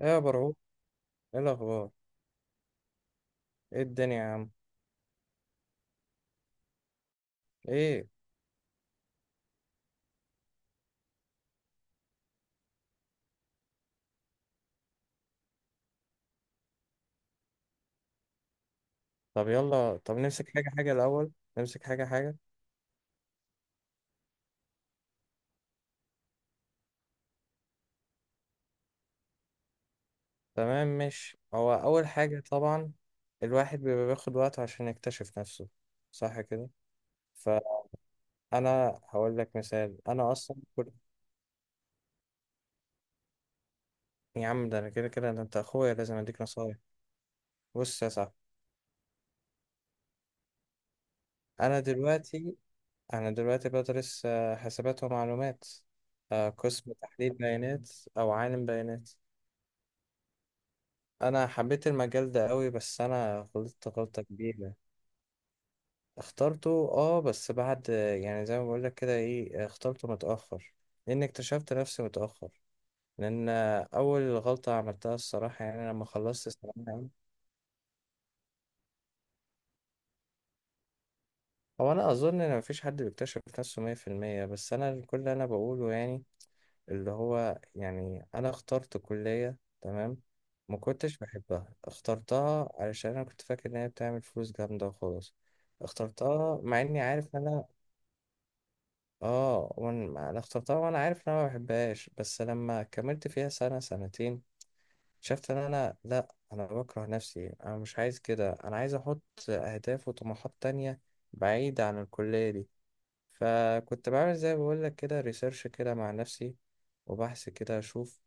ايه يا برعو، ايه الاخبار؟ ايه الدنيا يا عم؟ ايه؟ طب يلا، طب نمسك حاجه حاجه الاول، نمسك حاجه حاجه. تمام. مش هو اول حاجه طبعا الواحد بيبقى بياخد وقته عشان يكتشف نفسه، صح كده؟ فانا هقول لك مثال، انا اصلا كنت. يا عم ده انا كده كده، ده انت اخويا لازم اديك نصايح. بص يا صاحبي، انا دلوقتي انا دلوقتي بدرس حاسبات ومعلومات، آه، قسم تحليل بيانات، او عالم بيانات. انا حبيت المجال ده قوي، بس انا غلطت غلطة كبيرة. اخترته اه، بس بعد يعني زي ما بقول لك كده، ايه، اخترته متأخر لان اكتشفت نفسي متأخر. لان اول غلطة عملتها الصراحة يعني لما خلصت الثانوية عامة. هو انا اظن ان مفيش حد بيكتشف نفسه مية في المية، بس انا كل اللي انا بقوله يعني اللي هو يعني أنا اخترت كلية، تمام، ما كنتش بحبها، اخترتها علشان أنا كنت فاكر إن هي بتعمل فلوس جامدة وخلاص. اخترتها مع إني عارف إن أنا أنا اخترتها وأنا عارف إن أنا ما بحبهاش، بس لما كملت فيها سنة سنتين شفت إن أنا لأ، أنا بكره نفسي، أنا مش عايز كده، أنا عايز أحط أهداف وطموحات تانية بعيدة عن الكلية دي. فكنت بعمل زي ما بقولك كده ريسيرش كده مع نفسي وبحث كده أشوف.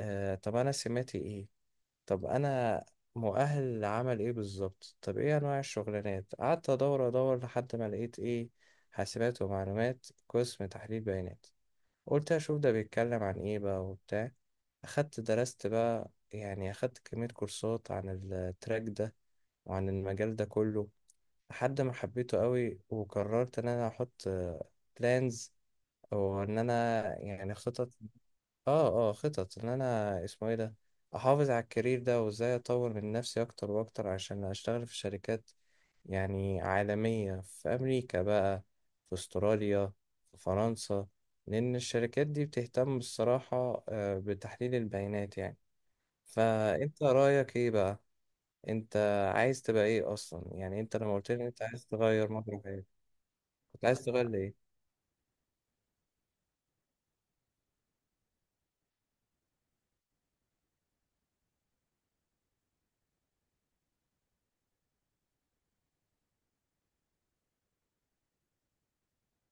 آه، طب انا سماتي ايه؟ طب انا مؤهل لعمل ايه بالظبط؟ طب ايه انواع الشغلانات؟ قعدت ادور لحد ما لقيت ايه، حاسبات ومعلومات قسم تحليل بيانات. قلت اشوف ده بيتكلم عن ايه بقى وبتاع، اخدت درست بقى يعني اخدت كمية كورسات عن التراك ده وعن المجال ده كله. لحد ما حبيته قوي وقررت ان انا احط بلانز او ان انا يعني خطط. اه خطط ان انا اسمه ايه ده، احافظ على الكارير ده، وازاي اطور من نفسي اكتر واكتر عشان اشتغل في شركات يعني عالمية، في امريكا بقى، في استراليا، في فرنسا، لان الشركات دي بتهتم الصراحة بتحليل البيانات يعني. فانت رأيك ايه بقى؟ انت عايز تبقى ايه اصلا؟ يعني انت لما قلت لي إن انت عايز تغير مجرى حياتك، كنت عايز تغير لإيه؟ ايه.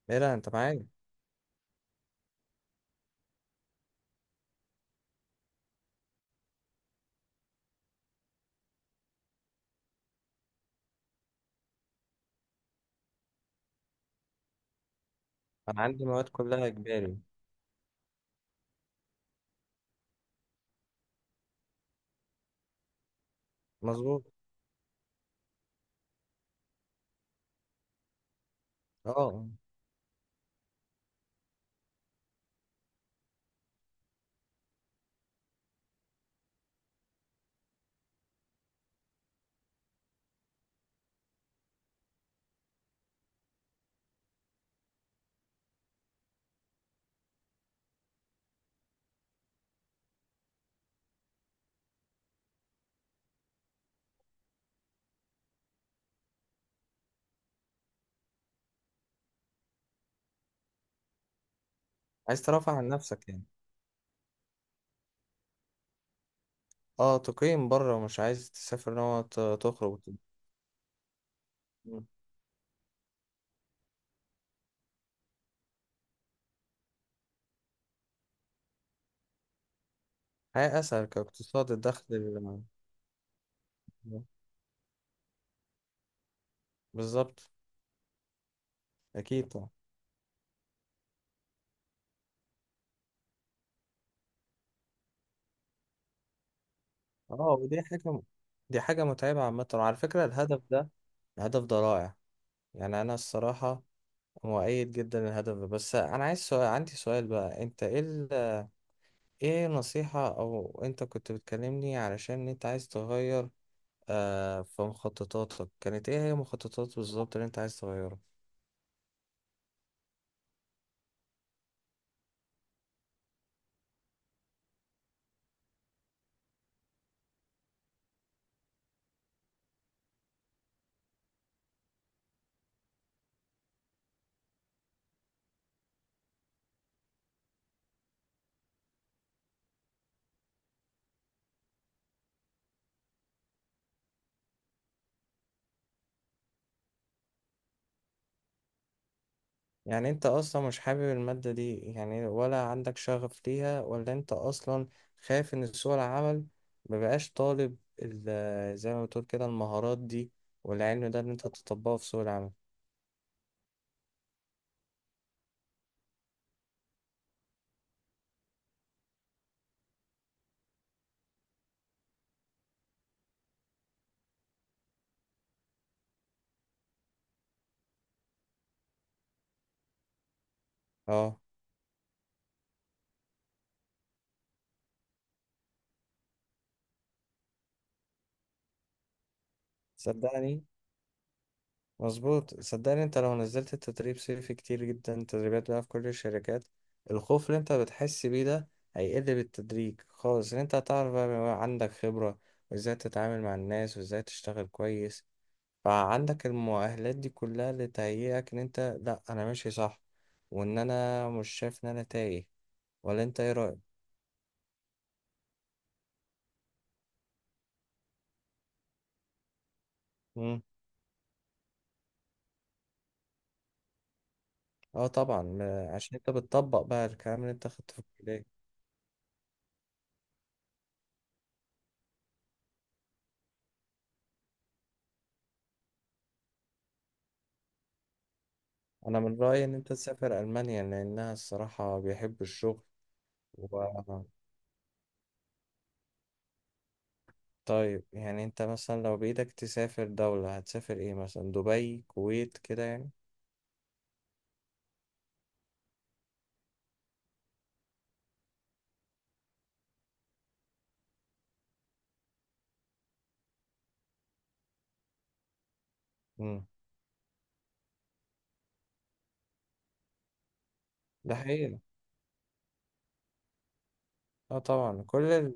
لا لا، انت معايا. انا عندي مواد كلها اجباري. مظبوط. اه، عايز ترفع عن نفسك يعني؟ اه تقيم بره، مش عايز تسافر نوع تخرج وكده. مم. حياة أسهل كاقتصاد، الدخل ال-. بالظبط. أكيد طبعا. اه، ودي حاجة، دي حاجة متعبة عامة. وعلى فكرة الهدف ده، الهدف ده رائع. يعني أنا الصراحة مؤيد جدا للهدف ده، بس أنا عايز سؤال، عندي سؤال بقى، أنت إيه ال...، إيه نصيحة؟ أو أنت كنت بتكلمني علشان أنت عايز تغير في مخططاتك، كانت إيه هي مخططات بالظبط اللي أنت عايز تغيرها؟ يعني انت اصلا مش حابب المادة دي يعني؟ ولا عندك شغف ليها؟ ولا انت اصلا خايف ان سوق العمل مبقاش طالب ال- زي ما بتقول كده المهارات دي والعلم ده ان انت تطبقه في سوق العمل؟ اه. صدقني، مظبوط، صدقني، انت لو نزلت التدريب صيفي كتير جدا تدريبات بقى في كل الشركات، الخوف اللي انت بتحس بيه ده هيقل بالتدريج خالص، ان انت هتعرف بقى، بيبقى عندك خبرة وازاي تتعامل مع الناس وازاي تشتغل كويس. فعندك المؤهلات دي كلها اللي تهيئك ان انت لا، انا ماشي صح، وان انا مش شايف ان انا تايه. ولا انت ايه رأيك؟ مم. اه طبعا، عشان انت بتطبق بقى الكلام اللي انت خدته في الكلية. انا من رأيي ان انت تسافر المانيا لانها الصراحة بيحب الشغل و... طيب، يعني انت مثلا لو بايدك تسافر دولة، هتسافر ايه؟ مثلا دبي، كويت، كده يعني. مم. ده حقيقي. اه طبعا كل ال...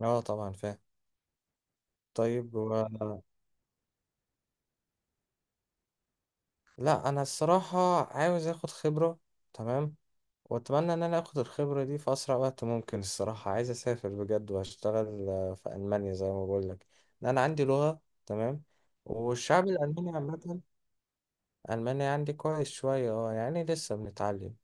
اه طبعا فاهم. طيب. لا انا الصراحة عاوز اخد خبرة، تمام، واتمنى ان انا اخد الخبرة دي في اسرع وقت ممكن. الصراحة عايز اسافر بجد واشتغل في المانيا زي ما بقول لك، ان انا عندي لغة تمام. والشعب الالماني عامة. المانيا عندي كويس شوية، اه، يعني لسه بنتعلم.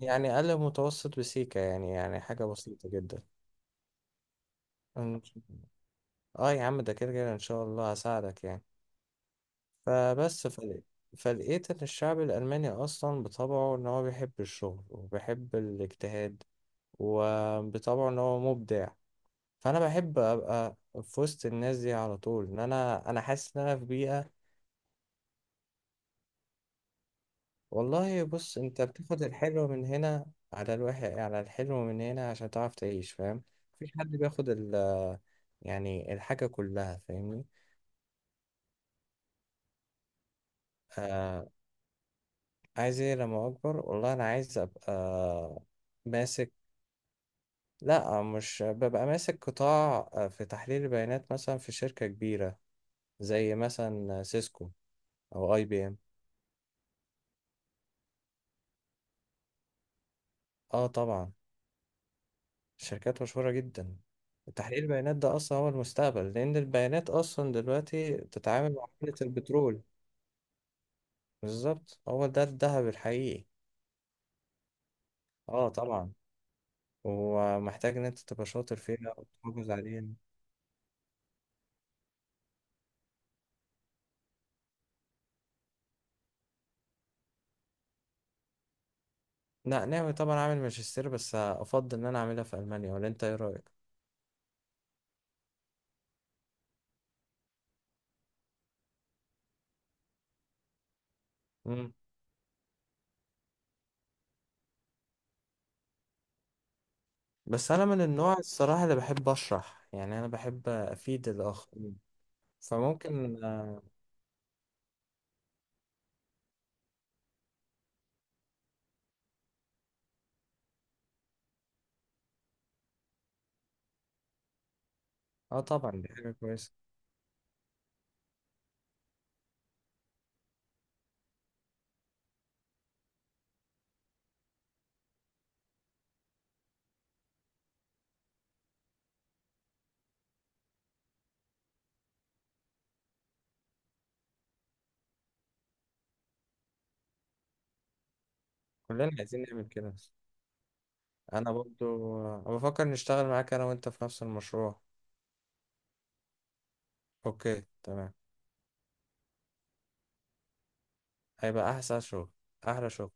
يعني اقل متوسط، بسيكة يعني، يعني حاجة بسيطة جدا. إن- اه يا عم ده كده كده ان شاء الله هساعدك يعني. فبس فل... فلقيت ان الشعب الالماني اصلا بطبعه ان هو بيحب الشغل وبيحب الاجتهاد، وبطبعه ان هو مبدع. فانا بحب ابقى في وسط الناس دي على طول، ان انا حاسس ان انا في بيئة. والله بص، انت بتاخد الحلو من هنا، على الوحش، على الحلو من هنا عشان تعرف تعيش، فاهم؟ مفيش حد بياخد ال، يعني الحاجة كلها، فاهمني؟ آه. عايز ايه لما اكبر؟ والله انا عايز ابقى ماسك. لا، مش ببقى ماسك قطاع في تحليل البيانات مثلا في شركة كبيرة، زي مثلا سيسكو أو IBM. آه طبعا. شركات مشهورة جدا. تحليل البيانات ده أصلا هو المستقبل، لأن البيانات أصلا دلوقتي بتتعامل مع عملة البترول. بالظبط، هو ده الذهب الحقيقي. آه طبعا. ومحتاج إن أنت تبقى شاطر فيها وتحافظ عليها. لا، ناوي طبعا أعمل ماجستير، بس أفضل إن أنا أعملها في ألمانيا، ولا أنت إيه رأيك؟ بس انا من النوع الصراحه اللي بحب اشرح، يعني انا بحب افيد الاخرين، فممكن. اه طبعا، دي حاجه كويسه. كلنا عايزين نعمل كده. انا برضو، أنا بفكر نشتغل معاك، انا وانت في نفس المشروع. اوكي، تمام. هيبقى احسن شغل، احلى شغل.